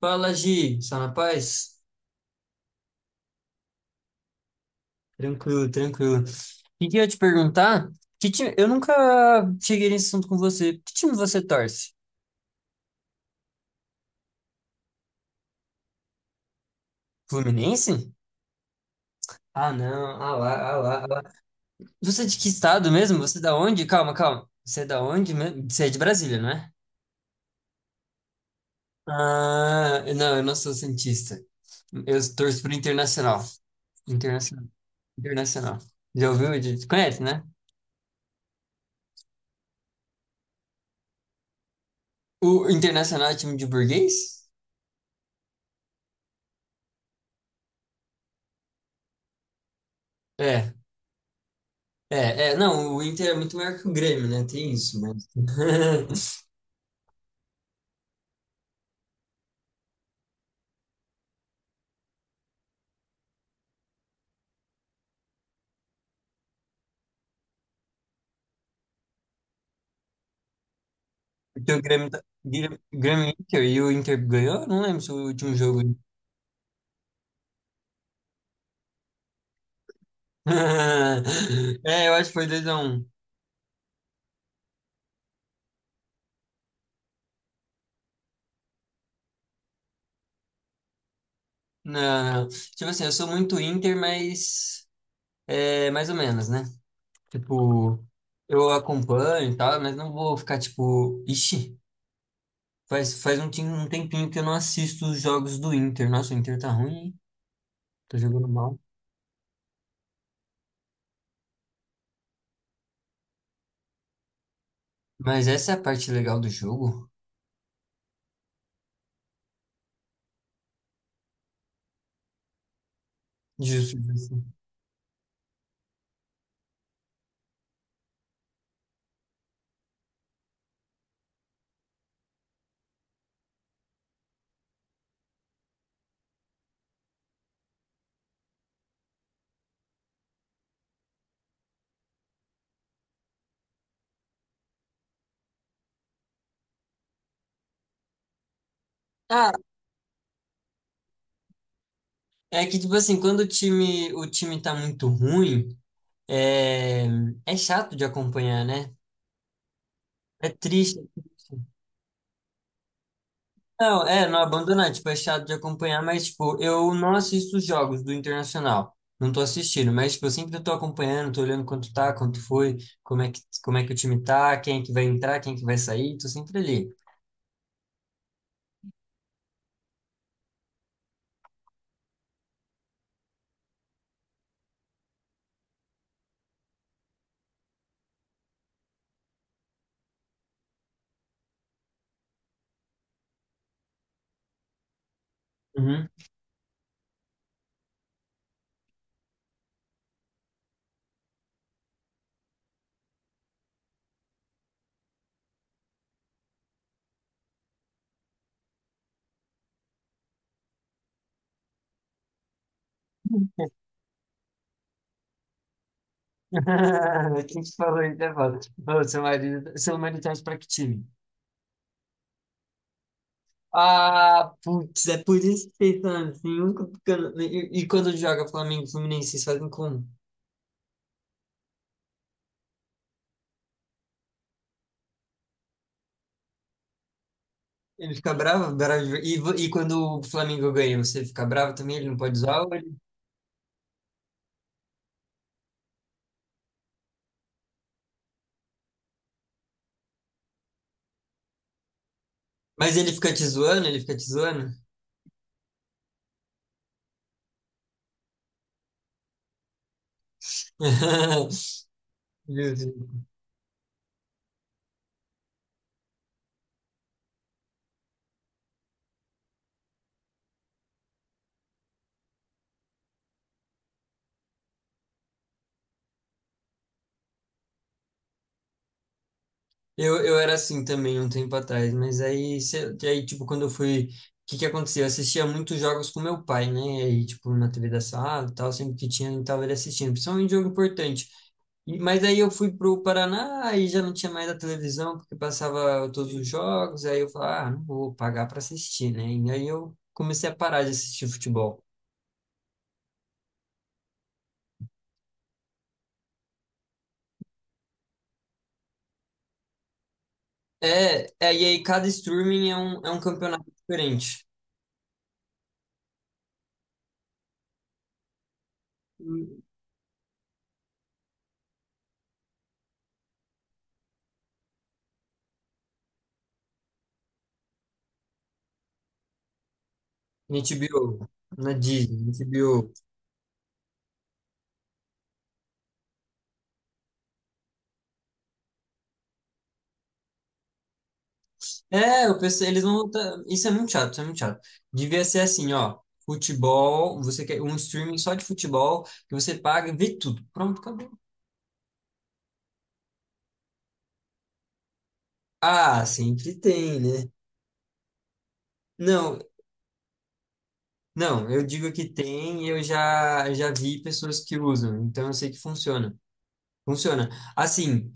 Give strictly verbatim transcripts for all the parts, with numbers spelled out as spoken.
Fala, Gi, só na paz? Tranquilo, tranquilo. E queria te perguntar, que time... eu nunca cheguei nesse assunto com você. Que time você torce? Fluminense? Ah, não, ah lá, ah lá, ah lá. Você é de que estado mesmo? Você é da onde? Calma, calma. Você é da onde mesmo? Você é de Brasília, não é? Ah, não, eu não sou santista. Eu torço pro Internacional. Internacional. Internacional. Já ouviu? de- Conhece, né? O Internacional é time de burguês? É. É, é, não, o Inter é muito maior que o Grêmio, né? Tem isso, mas. Porque o Grêmio, tá... Grêmio Grêmio e Inter e o Inter ganhou? Eu não lembro se foi o último jogo. É, eu acho que foi dois a um. Não, não. Tipo assim, eu sou muito Inter, mas. É, mais ou menos, né? Tipo, eu acompanho e tal, mas não vou ficar tipo. Ixi, faz, faz um, tim- um tempinho que eu não assisto os jogos do Inter. Nossa, o Inter tá ruim, hein? Tô jogando mal. Mas essa é a parte legal do jogo. Justo. Ah, é que tipo assim, quando o time, o time tá muito ruim, é, é chato de acompanhar, né? É triste. Não, é, não abandonar, tipo, é chato de acompanhar, mas tipo, eu não assisto os jogos do Internacional. Não tô assistindo, mas tipo, eu sempre tô acompanhando, tô olhando quanto tá, quanto foi, como é que, como é que o time tá, quem é que vai entrar, quem é que vai sair, tô sempre ali. Uhum. Quem te falou isso é foda. Ô, seu marido, seu marido torce pra que time? Ah, putz, é por isso que vocês são assim, nunca ficando- E, e quando joga Flamengo e Fluminense, vocês fazem como? Ele fica bravo, bravo. de- E, vo- e quando o Flamengo ganha, você fica bravo também? Ele não pode zoar? ou ele- Mas ele fica te zoando? Ele fica te zoando? Meu Deus. Eu, eu era assim também um tempo atrás, mas aí, cê- aí tipo, quando eu fui. O que que aconteceu? Eu assistia muitos jogos com meu pai, né? E, tipo, na T V da sala e tal, sempre que tinha, eu tava ele assistindo, principalmente jogo importante. E- Mas aí eu fui pro Paraná e já não tinha mais a televisão, porque passava todos os jogos, aí eu falei, ah, não vou pagar para assistir, né? E aí eu comecei a parar de assistir futebol. É, é, e aí cada streaming é um, é um campeonato diferente. Na H B O, na Disney, na H B O. É, eu pensei, eles vão voltar. Isso é muito chato, isso é muito chato. Devia ser assim, ó. Futebol, você quer um streaming só de futebol, que você paga e vê tudo. Pronto, acabou. Ah, sempre tem, né? Não, não, eu digo que tem, eu já já vi pessoas que usam, então eu sei que funciona. Funciona. Assim,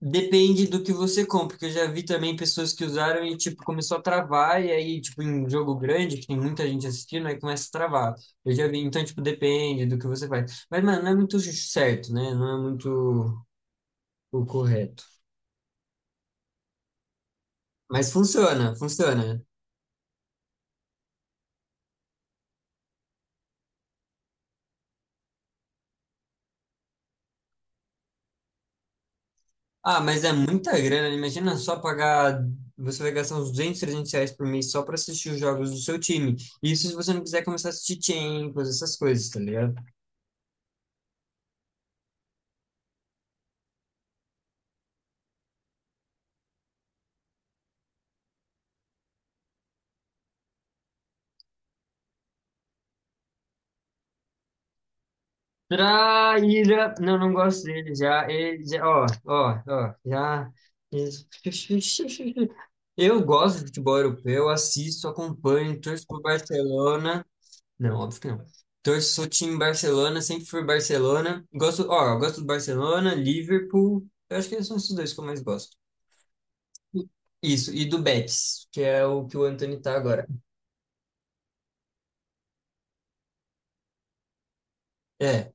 depende do que você compra, porque eu já vi também pessoas que usaram e tipo começou a travar e aí tipo em jogo grande, que tem muita gente assistindo, aí começa a travar. Eu já vi, então tipo depende do que você faz. Mas mano, não é muito certo, né? Não é muito o correto. Mas funciona, funciona. Ah, mas é muita grana. Imagina só pagar. Você vai gastar uns duzentos, trezentos reais por mês só para assistir os jogos do seu time. Isso se você não quiser começar a assistir Champions, essas coisas, tá ligado? Traíra! Não, não gosto dele. Já, ele, já, ó, ó, ó, já. Eu gosto de futebol europeu, assisto, acompanho, torço pro Barcelona. Não, óbvio que não. Torço, sou time Barcelona, sempre fui Barcelona. Gosto, ó, gosto do Barcelona, Liverpool. Eu acho que são esses dois que eu mais gosto. Isso, e do Betis, que é o que o Antony tá agora. É,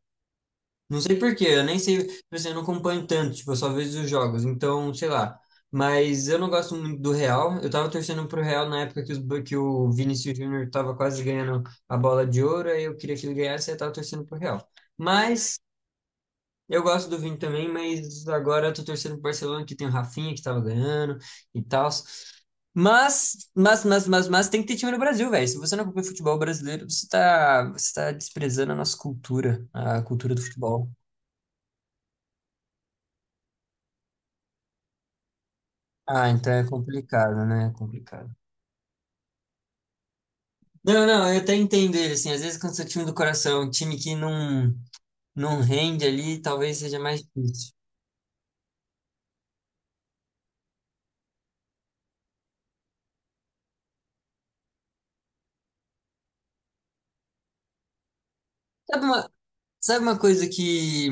não sei por quê, eu nem sei, tipo assim, eu não acompanho tanto, tipo, eu só vejo os jogos, então, sei lá. Mas eu não gosto muito do Real, eu tava torcendo pro Real na época que, os, que o Vinícius Júnior tava quase ganhando a bola de ouro, aí eu queria que ele ganhasse, aí eu tava torcendo pro Real. Mas eu gosto do Vini também, mas agora eu tô torcendo pro Barcelona, que tem o Rafinha, que tava ganhando e tal. Mas, mas, mas, mas, mas tem que ter time no Brasil, velho. Se você não acompanha futebol brasileiro, você tá, você tá desprezando a nossa cultura, a cultura do futebol. Ah, então é complicado, né? É complicado. Não, não, eu até entendo ele, assim, às vezes quando você seu time do coração, um time que não, não rende ali, talvez seja mais difícil. Sabe uma, Sabe uma coisa que,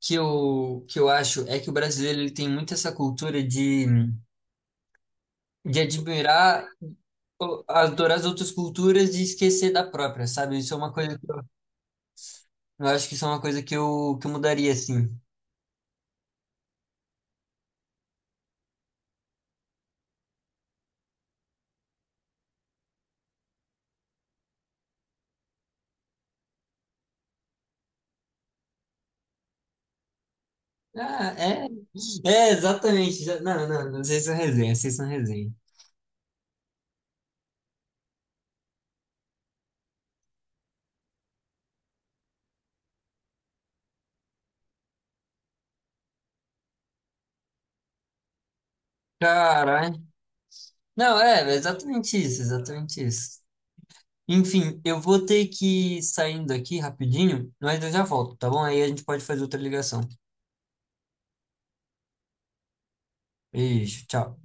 que, eu, que eu acho é que o brasileiro ele tem muito essa cultura de, de admirar, o- adorar as outras culturas e esquecer da própria, sabe? Isso é uma coisa que eu, eu acho que isso é uma coisa que eu, que eu mudaria, assim. Ah, é, é, exatamente. Já- Não, não, não, vocês são resenha, vocês são resenha. Caralho. Não, é, é exatamente isso, exatamente isso. Enfim, eu vou ter que ir saindo aqui rapidinho, mas eu já volto, tá bom? Aí a gente pode fazer outra ligação. Beijo, tchau.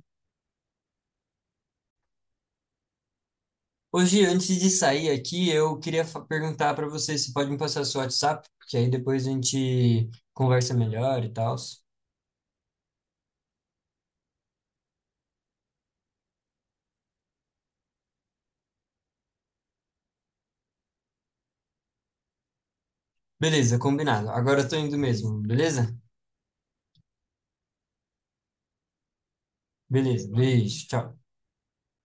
Hoje, antes de sair aqui, eu queria fa- perguntar para você se pode me passar seu WhatsApp, porque aí depois a gente conversa melhor e tal. Beleza, combinado. Agora eu tô indo mesmo, beleza? Beleza, beijo, tchau.